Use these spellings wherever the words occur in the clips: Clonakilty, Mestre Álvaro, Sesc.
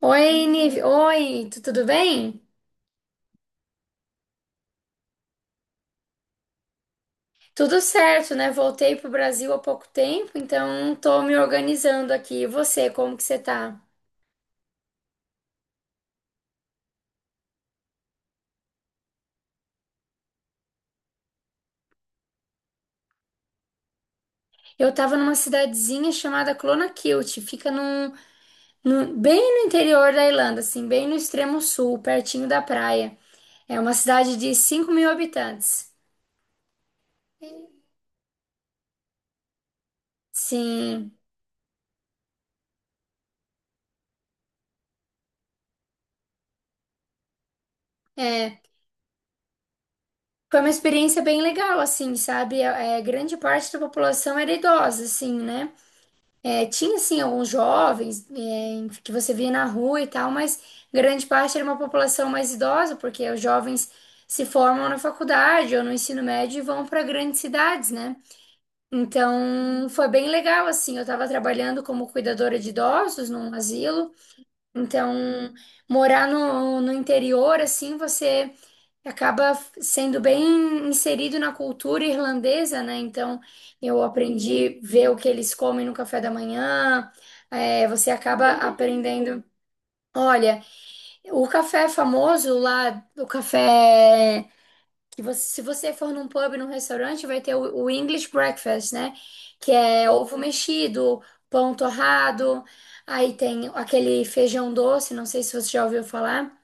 Oi, Nive. Oi, tudo bem? Tudo certo, né? Voltei pro Brasil há pouco tempo, então tô me organizando aqui. E você, como que você tá? Eu tava numa cidadezinha chamada Clonakilty, fica bem no interior da Irlanda, assim, bem no extremo sul, pertinho da praia. É uma cidade de 5.000 habitantes. Sim, é. Foi uma experiência bem legal, assim, sabe? Grande parte da população era idosa, assim, né? É, tinha sim alguns jovens que você via na rua e tal, mas grande parte era uma população mais idosa, porque os jovens se formam na faculdade ou no ensino médio e vão para grandes cidades, né? Então foi bem legal assim. Eu estava trabalhando como cuidadora de idosos num asilo, então morar no interior assim você acaba sendo bem inserido na cultura irlandesa, né? Então eu aprendi a ver o que eles comem no café da manhã. É, você acaba aprendendo. Olha, o café famoso lá, o café que você, se você for num pub, num restaurante, vai ter o English breakfast, né? Que é ovo mexido, pão torrado, aí tem aquele feijão doce, não sei se você já ouviu falar.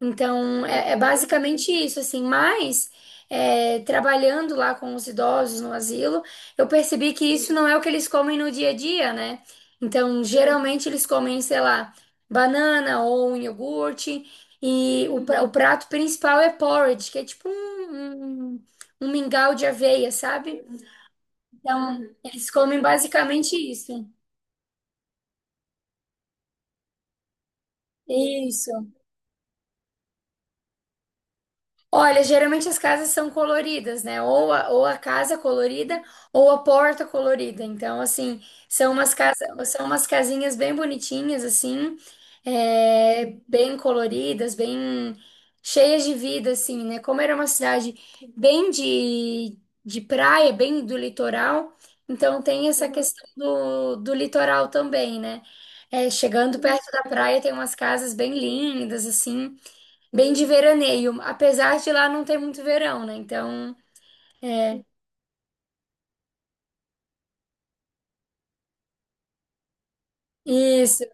Então, é basicamente isso, assim, mas é, trabalhando lá com os idosos no asilo, eu percebi que isso não é o que eles comem no dia a dia, né? Então, geralmente eles comem, sei lá, banana ou um iogurte, e o prato principal é porridge, que é tipo um mingau de aveia, sabe? Então, eles comem basicamente isso. Isso. Olha, geralmente as casas são coloridas, né? Ou a casa colorida ou a porta colorida. Então, assim, são umas casas, são umas casinhas bem bonitinhas, assim, é, bem coloridas, bem cheias de vida, assim, né? Como era uma cidade bem de, de praia, bem do litoral, então tem essa questão do litoral também, né? É, chegando perto da praia tem umas casas bem lindas, assim. Bem de veraneio, apesar de lá não ter muito verão, né? Então, isso.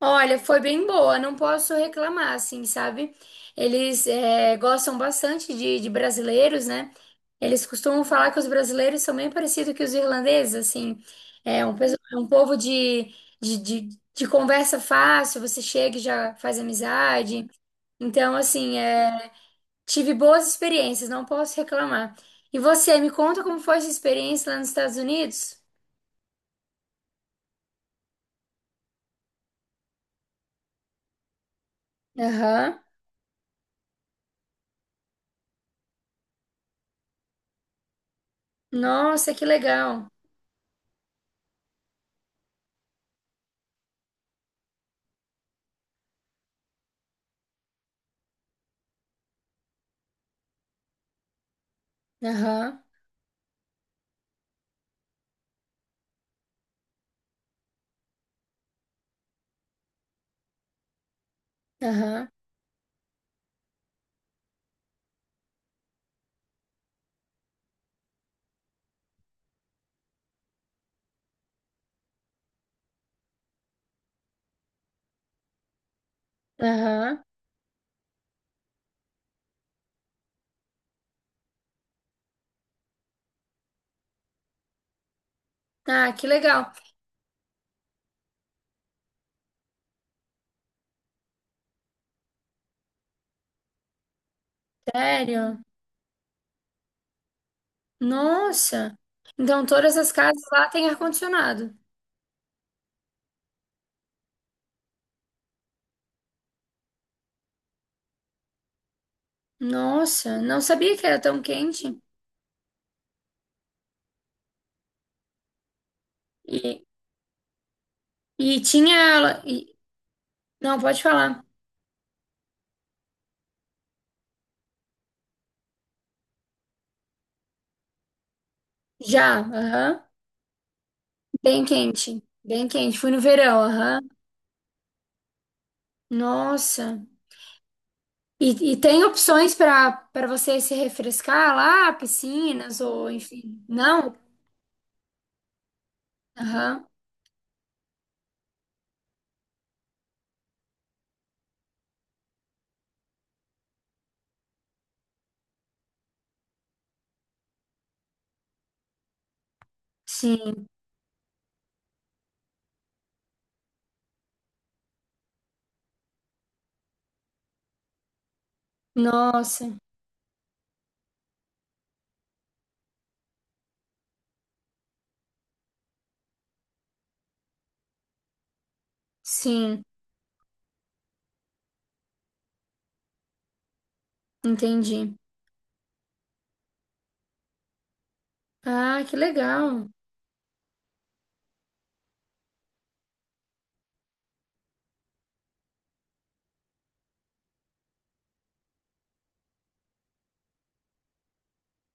Olha, foi bem boa, não posso reclamar, assim, sabe? Eles é, gostam bastante de brasileiros, né? Eles costumam falar que os brasileiros são bem parecidos que os irlandeses, assim. É é um povo de, de, de conversa fácil, você chega e já faz amizade. Então, assim, é, tive boas experiências, não posso reclamar. E você, me conta como foi essa experiência lá nos Estados Unidos? Aham. Nossa, que legal. Aham. Aham. Aham. Ah, que legal. Sério? Nossa. Então todas as casas lá têm ar-condicionado. Nossa, não sabia que era tão quente. E, e tinha ela. e- não, pode falar. Já. Aham. Bem quente. Bem quente. Fui no verão. Aham. Nossa. E tem opções para você se refrescar lá, piscinas ou enfim. Não? Aham. Sim. Nossa, sim, entendi. Ah, que legal.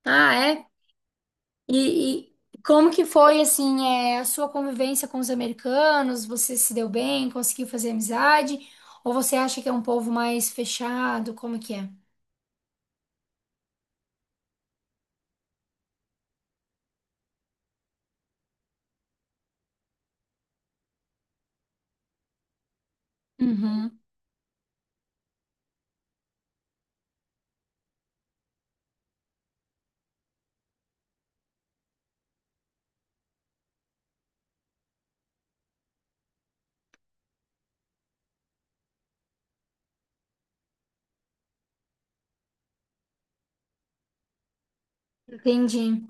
Ah, é? E, e como que foi, assim, é, a sua convivência com os americanos? Você se deu bem? Conseguiu fazer amizade? Ou você acha que é um povo mais fechado? Como que é? Uhum, entendi.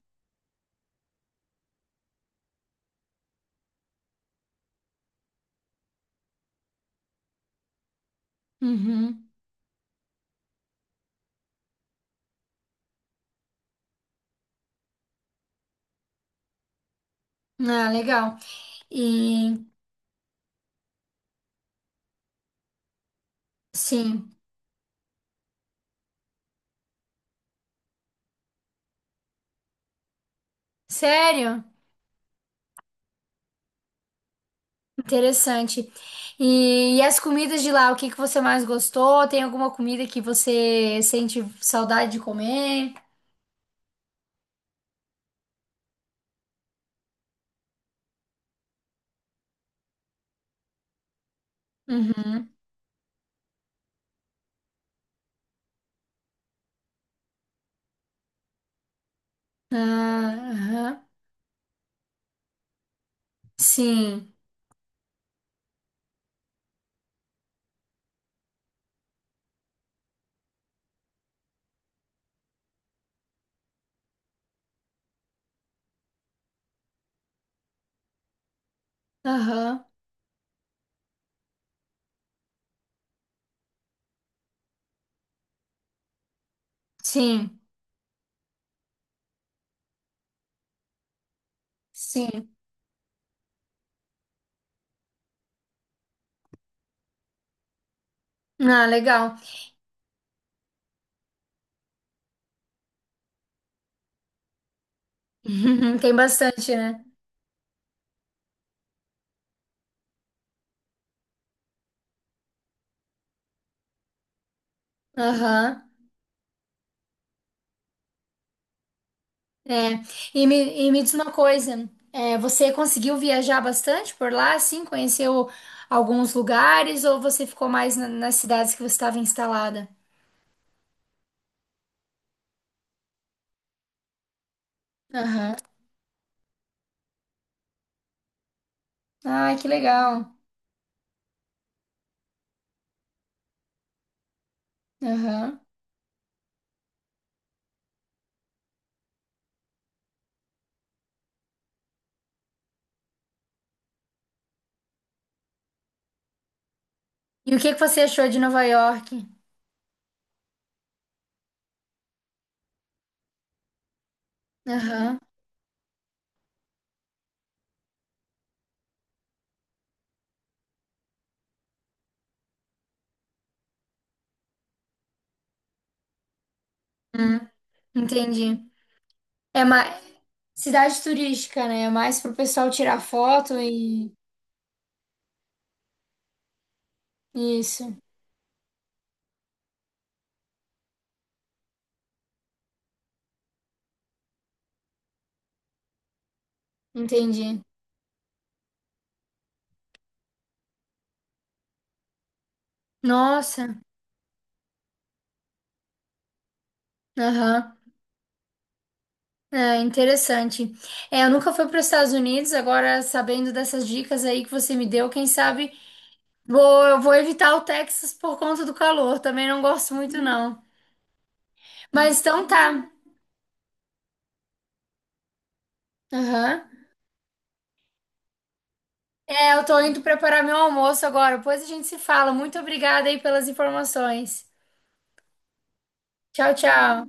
Uhum. Ah, legal. E, sim. Sério? Interessante. E as comidas de lá, o que que você mais gostou? Tem alguma comida que você sente saudade de comer? Uhum. Ah, aham. Sim. Aham. Sim. Sim. Ah, legal. Tem bastante, né? Aham. É. E me diz uma coisa, é, você conseguiu viajar bastante por lá, assim? Conheceu alguns lugares ou você ficou mais nas cidades que você estava instalada? Aham. Ah, que legal. Aham. E o que que você achou de Nova York? Aham. Hum, entendi. É mais cidade turística, né? É mais pro pessoal tirar foto e isso. Entendi. Nossa. Aham. É interessante. É, eu nunca fui para os Estados Unidos, agora sabendo dessas dicas aí que você me deu, quem sabe vou, eu vou evitar o Texas por conta do calor. Também não gosto muito, não. Mas então tá. Aham. É, eu tô indo preparar meu almoço agora. Depois a gente se fala. Muito obrigada aí pelas informações. Tchau, tchau.